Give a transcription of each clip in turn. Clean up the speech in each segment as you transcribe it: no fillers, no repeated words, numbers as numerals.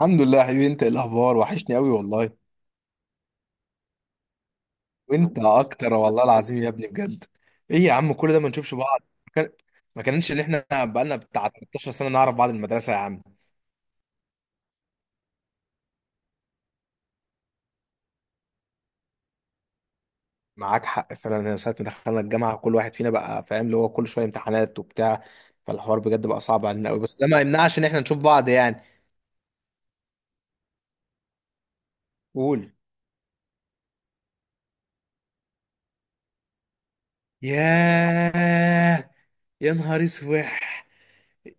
الحمد لله يا حبيبي. انت ايه الاخبار؟ وحشني قوي والله. وانت اكتر والله العظيم يا ابني بجد. ايه يا عم كل ده ما نشوفش بعض؟ ما كان- ما كانش ان احنا بقالنا بتاع 13 سنه نعرف بعض من المدرسه يا عم؟ معاك حق فعلا. انا ساعه ما دخلنا الجامعه كل واحد فينا بقى فاهم اللي هو كل شويه امتحانات وبتاع، فالحوار بجد بقى صعب علينا قوي، بس ده ما يمنعش ان احنا نشوف بعض يعني. قول. ياه، يا نهار اسوح.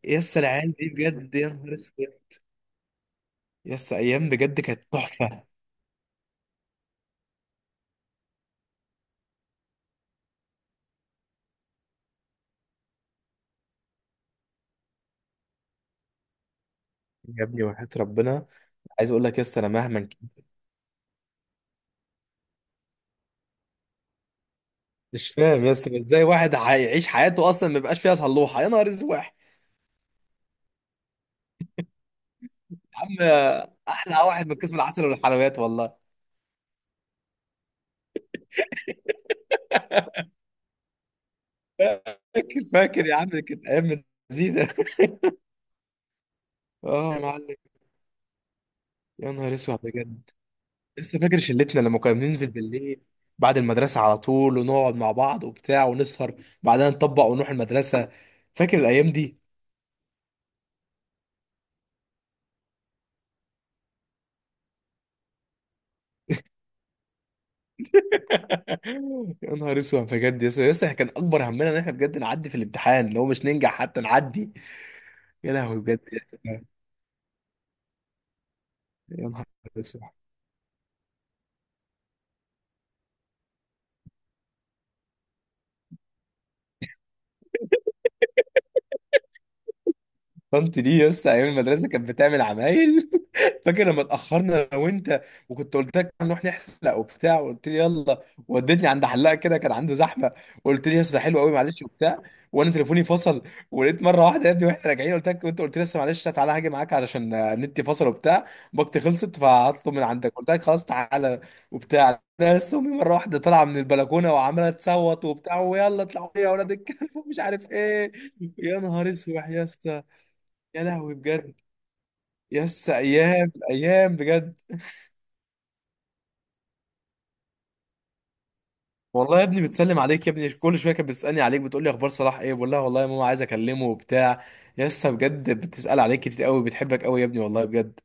يا اسطى، العيال دي بجد يا نهار اسوح. يس ايام بجد كانت تحفه. يا ابني وحياة ربنا. عايز اقول لك يا اسطى انا مش فاهم يا اسطى ازاي واحد هيعيش حياته اصلا ما يبقاش فيها صلوحه، يا نهار اسود يا عم. احلى واحد من قسم العسل والحلويات والله. فاكر فاكر يا عم، كانت ايام زينه. اه يا معلم. يا نهار اسود بجد. لسه فاكر شلتنا لما كنا بننزل بالليل بعد المدرسه على طول، ونقعد مع بعض وبتاع ونسهر، بعدها نطبق ونروح المدرسه. فاكر الايام دي؟ يا نهار اسود بجد يا اسطى. يا اسطى كان اكبر همنا ان احنا بجد نعدي في الامتحان، اللي هو مش ننجح حتى نعدي. يا لهوي بجد يا سلام. يا نهار اسود. طنط دي، يس ايام المدرسه كانت بتعمل عمايل. فاكر لما اتاخرنا انا وانت، وكنت قلت لك نروح نحلق وبتاع، وقلت لي يلا، وديتني عند حلاق كده كان عنده زحمه، وقلت لي يا أستاذ ده حلو قوي معلش وبتاع، وانا تليفوني فصل. ولقيت مره واحده يا ابني واحنا راجعين قلت لك، وانت قلت لي لسه معلش تعالى هاجي معاك علشان النت فصل وبتاع، باقتي خلصت فهطلب من عندك، قلت لك خلاص تعالى وبتاع. انا لسه امي مره واحده طالعه من البلكونه وعماله تصوت وبتاع، ويلا اطلعوا لي يا اولاد الكلب ومش عارف ايه. يا نهار اسود يا اسطى. يا لهوي بجد يا اسطى، ايام ايام بجد. والله يا ابني بتسلم عليك يا ابني، كل شويه كانت بتسالني عليك، بتقول لي اخبار صلاح ايه، بقول لها والله يا ماما عايز اكلمه وبتاع. يا اسطى بجد بتسال عليك كتير قوي، بتحبك قوي يا ابني والله بجد.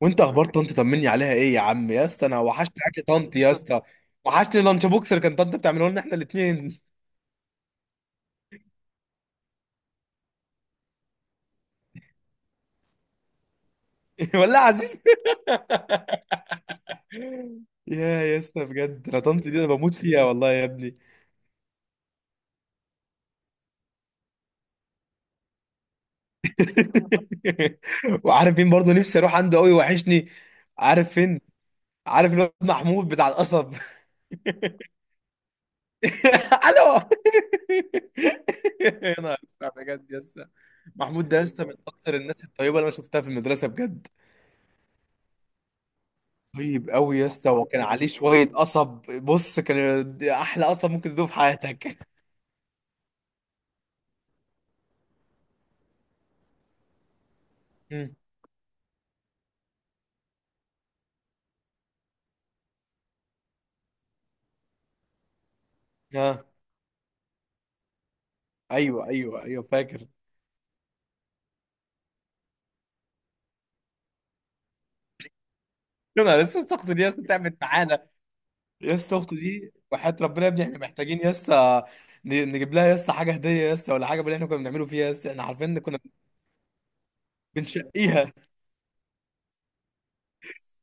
وانت اخبار طنط؟ طمني عليها ايه يا عم يا اسطى، انا وحشني اكل طنط يا اسطى. وحشني لانش بوكس اللي كان طنط بتعمله لنا احنا الاثنين. والله عظيم. يا اسطى بجد، انا طنط دي انا بموت فيها والله يا ابني. وعارف مين برضه نفسي اروح عنده قوي؟ وحشني. عارف فين؟ عارف الواد محمود بتاع القصب؟ الو. يا نهار اسود بجد يسا. محمود ده يسا من اكثر الناس الطيبه اللي انا شفتها في المدرسه بجد. طيب قوي يسا، وكان عليه شويه قصب. بص، كان احلى قصب ممكن تدوه في حياتك. مم. اه. ايوه ايوه ايوه فاكر. يا نهار، لسه اخته دي يسا تعبت معانا. يسا اخته دي وحياة ربنا يا ابني احنا محتاجين يسا نجيب لها يسا حاجه هديه يسا، ولا حاجه باللي احنا كنا بنعمله فيها يسا، احنا عارفين إن كنا بنشقيها.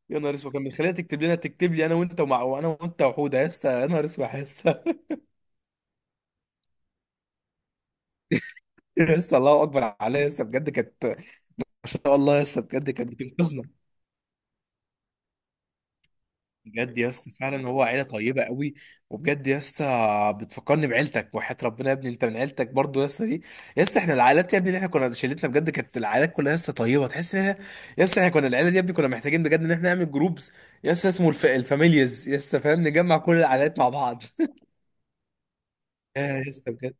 يا نهار اسود، كان بيخليها تكتب لنا، تكتب لي انا وانت ومع وانا وانت وحوده يا اسطى. يا نهار اسود يا اسطى. يا اسطى الله اكبر عليا يا اسطى بجد، كانت ما شاء الله يا اسطى بجد كانت بتنقذنا. بجد يا اسطى فعلا هو عيله طيبه قوي. وبجد يا اسطى بتفكرني بعيلتك وحياه ربنا يا ابني، انت من عيلتك برضو يا اسطى دي. يا اسطى احنا العائلات يا ابني اللي احنا كنا شلتنا بجد كانت العائلات كلها يا اسطى طيبه، تحس ان يا اسطى احنا كنا العيله دي يا ابني، كنا محتاجين بجد ان احنا نعمل جروبز يا اسطى اسمه الفاميليز يا اسطى فاهم، نجمع كل العائلات مع بعض. يا اسطى بجد.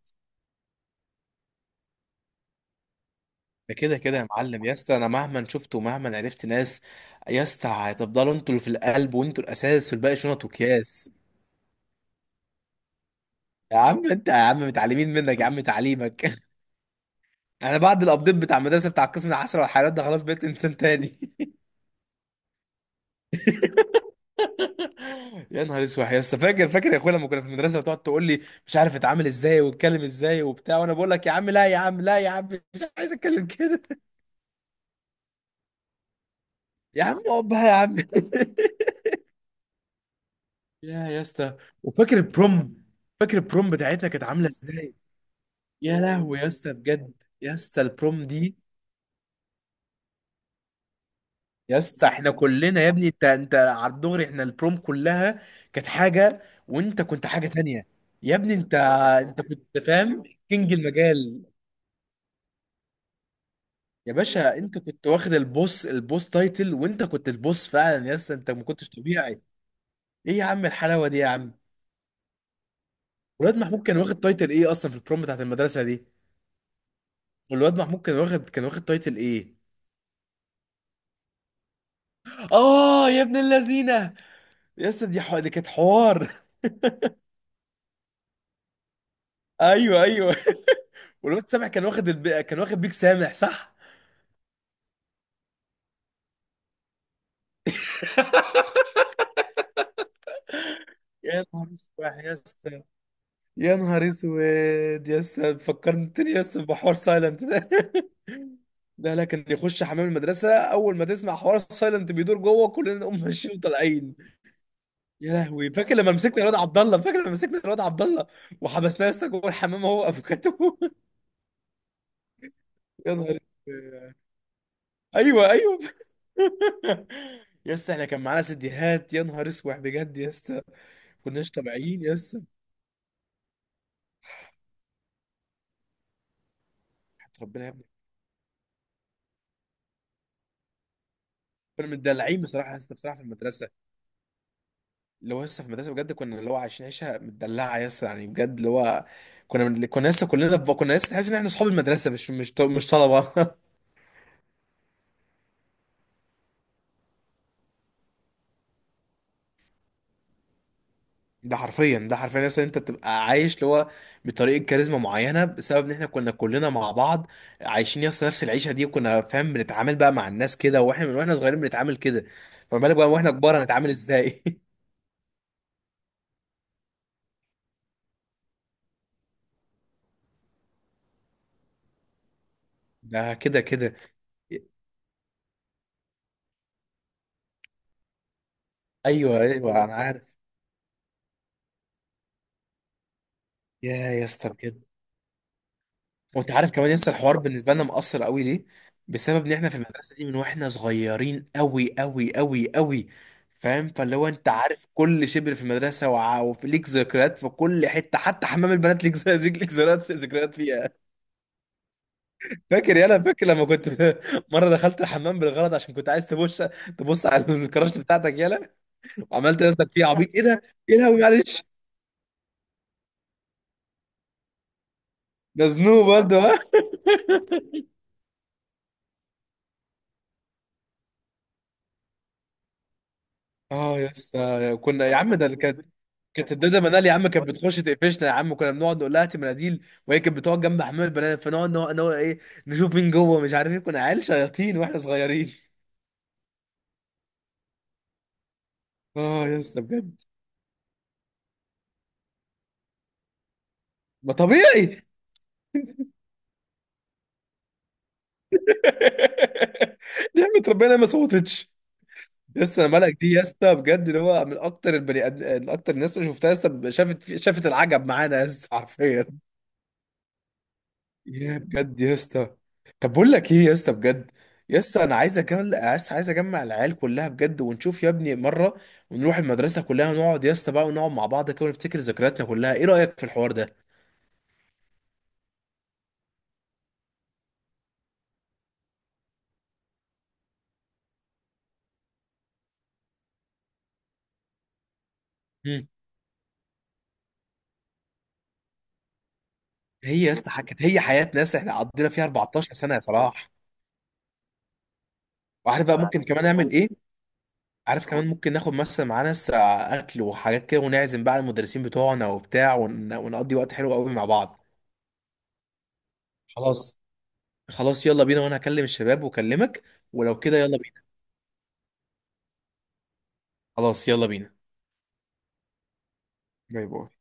ده كده كده يا معلم. يا اسطى انا مهما شفت ومهما عرفت ناس يا اسطى هتفضلوا انتوا اللي في القلب، وانتوا الاساس، والباقي شنط وكياس. يا عم انت يا عم متعلمين منك يا عم، تعليمك. انا بعد الابديت بتاع المدرسه بتاع قسم العسل والحيوانات ده خلاص بقيت انسان تاني. يا نهار اسود يا اسطى. فاكر فاكر يا اخويا لما كنا في المدرسه بتقعد تقول لي مش عارف اتعامل ازاي واتكلم ازاي وبتاع، وانا بقول لك يا عم لا يا عم لا يا عم، مش عايز اتكلم كده. يا عم اقعد بقى يا عم. يا اسطى. وفاكر البروم؟ فاكر البروم بتاعتنا كانت عامله ازاي؟ يا لهوي يا اسطى بجد. يا اسطى البروم دي، يا اسطى احنا كلنا يا ابني، انت على الدغري، احنا البروم كلها كانت حاجه، وانت كنت حاجه تانية. يا ابني انت كنت فاهم كينج المجال. يا باشا انت كنت واخد البوس، البوس تايتل، وانت كنت البوس فعلا يا اسطى. انت ما كنتش طبيعي. ايه يا عم الحلاوه دي يا عم. ولاد محمود كان واخد تايتل ايه اصلا في البروم بتاعت المدرسه دي؟ والواد محمود كان واخد تايتل ايه؟ اه يا ابن اللذينه، يا اسطى دي دي كانت حوار. ايوه ايوه. والواد سامح كان واخد كان واخد بيك سامح صح. يا نهار اسود يا اسطى. يا نهار اسود. يا اسطى فكرتني يا اسطى بحوار سايلنت ده. لا لا، كان يخش حمام المدرسه اول ما تسمع حوار سايلنت بيدور جوه كلنا نقوم ماشيين وطالعين. يا لهوي فاكر لما مسكنا الواد عبد الله، فاكر لما مسكنا الواد عبد الله وحبسناه يا اسطى جوه الحمام هو افوكاتو؟ يا نهار اسود. ايوه ايوه. يا اسطى احنا كان معانا سيديهات، يا نهار اسود بجد يا اسطى. كناش طبيعيين يا اسطى. وحياة ربنا يا ابني. كنا متدلعين بصراحه يا اسطى، بصراحه في المدرسه، اللي هو لسه في المدرسه بجد كنا اللي هو عايشين عيشه متدلعه يا اسطى، يعني بجد اللي هو كنا لسه كلنا كنا لسه تحس ان احنا اصحاب المدرسه، مش طلبه. ده حرفيا، ده حرفيا مثلا انت بتبقى عايش اللي هو بطريقه كاريزما معينه بسبب ان احنا كنا كلنا مع بعض عايشين يس نفس العيشه دي، وكنا فاهم بنتعامل بقى مع الناس كده واحنا من واحنا صغيرين بنتعامل كده. فما بالك بقى واحنا كبار هنتعامل ازاي؟ ده كده كده. ايوه ايوه انا عارف. يا اسطى بجد. وانت عارف كمان لسه الحوار بالنسبه لنا مؤثر قوي ليه؟ بسبب ان احنا في المدرسه دي من واحنا صغيرين قوي قوي قوي قوي، فاهم، فاللي هو انت عارف كل شبر في المدرسه وفي ليك ذكريات في كل حته، حتى حمام البنات ليك ليك ذكريات، ذكريات فيها. فاكر يا، انا فاكر لما كنت مره دخلت الحمام بالغلط عشان كنت عايز تبص، تبص على الكراش بتاعتك يالا، وعملت نفسك فيه عبيط ايه ده. ايه لهوي معلش، ده ذنوب برضه. اه يا اسطى كنا يا عم ده اللي كانت. كانت الداده منال يا عم كانت بتخش تقفشنا يا عم، كنا بنقعد نقول لها هاتي مناديل، وهي كانت بتقعد جنب حمام البنات، فنقعد نقعد نقعد ايه، نشوف مين جوه مش عارف ايه، كنا عيال شياطين واحنا صغيرين. اه يا اسطى بجد. ما طبيعي. نعمة ربنا ما صوتتش. يا اسطى انا ملك دي يا اسطى بجد، اللي هو من اكتر البني ادم، اكتر الناس اللي شفتها يا اسطى، شافت شافت العجب معانا يا اسطى حرفيا. يا بجد يا اسطى. طب بقول لك ايه يا اسطى بجد؟ يا اسطى انا عايز اجمع العيال كلها بجد ونشوف يا ابني مره، ونروح المدرسه كلها ونقعد يا اسطى بقى ونقعد مع بعض كده ونفتكر ذكرياتنا كلها. ايه رايك في الحوار ده؟ مم. هي يا اسطى كانت هي حياه ناس احنا قضينا فيها 14 سنه يا صلاح. وعارف بقى ممكن كمان نعمل ايه؟ عارف كمان ممكن ناخد مثلا معانا اكل وحاجات كده، ونعزم بقى المدرسين بتوعنا وبتاع، ونقضي وقت حلو قوي مع بعض. خلاص. خلاص يلا بينا، وانا هكلم الشباب واكلمك. ولو كده يلا، خلاص يلا بينا. باي باي.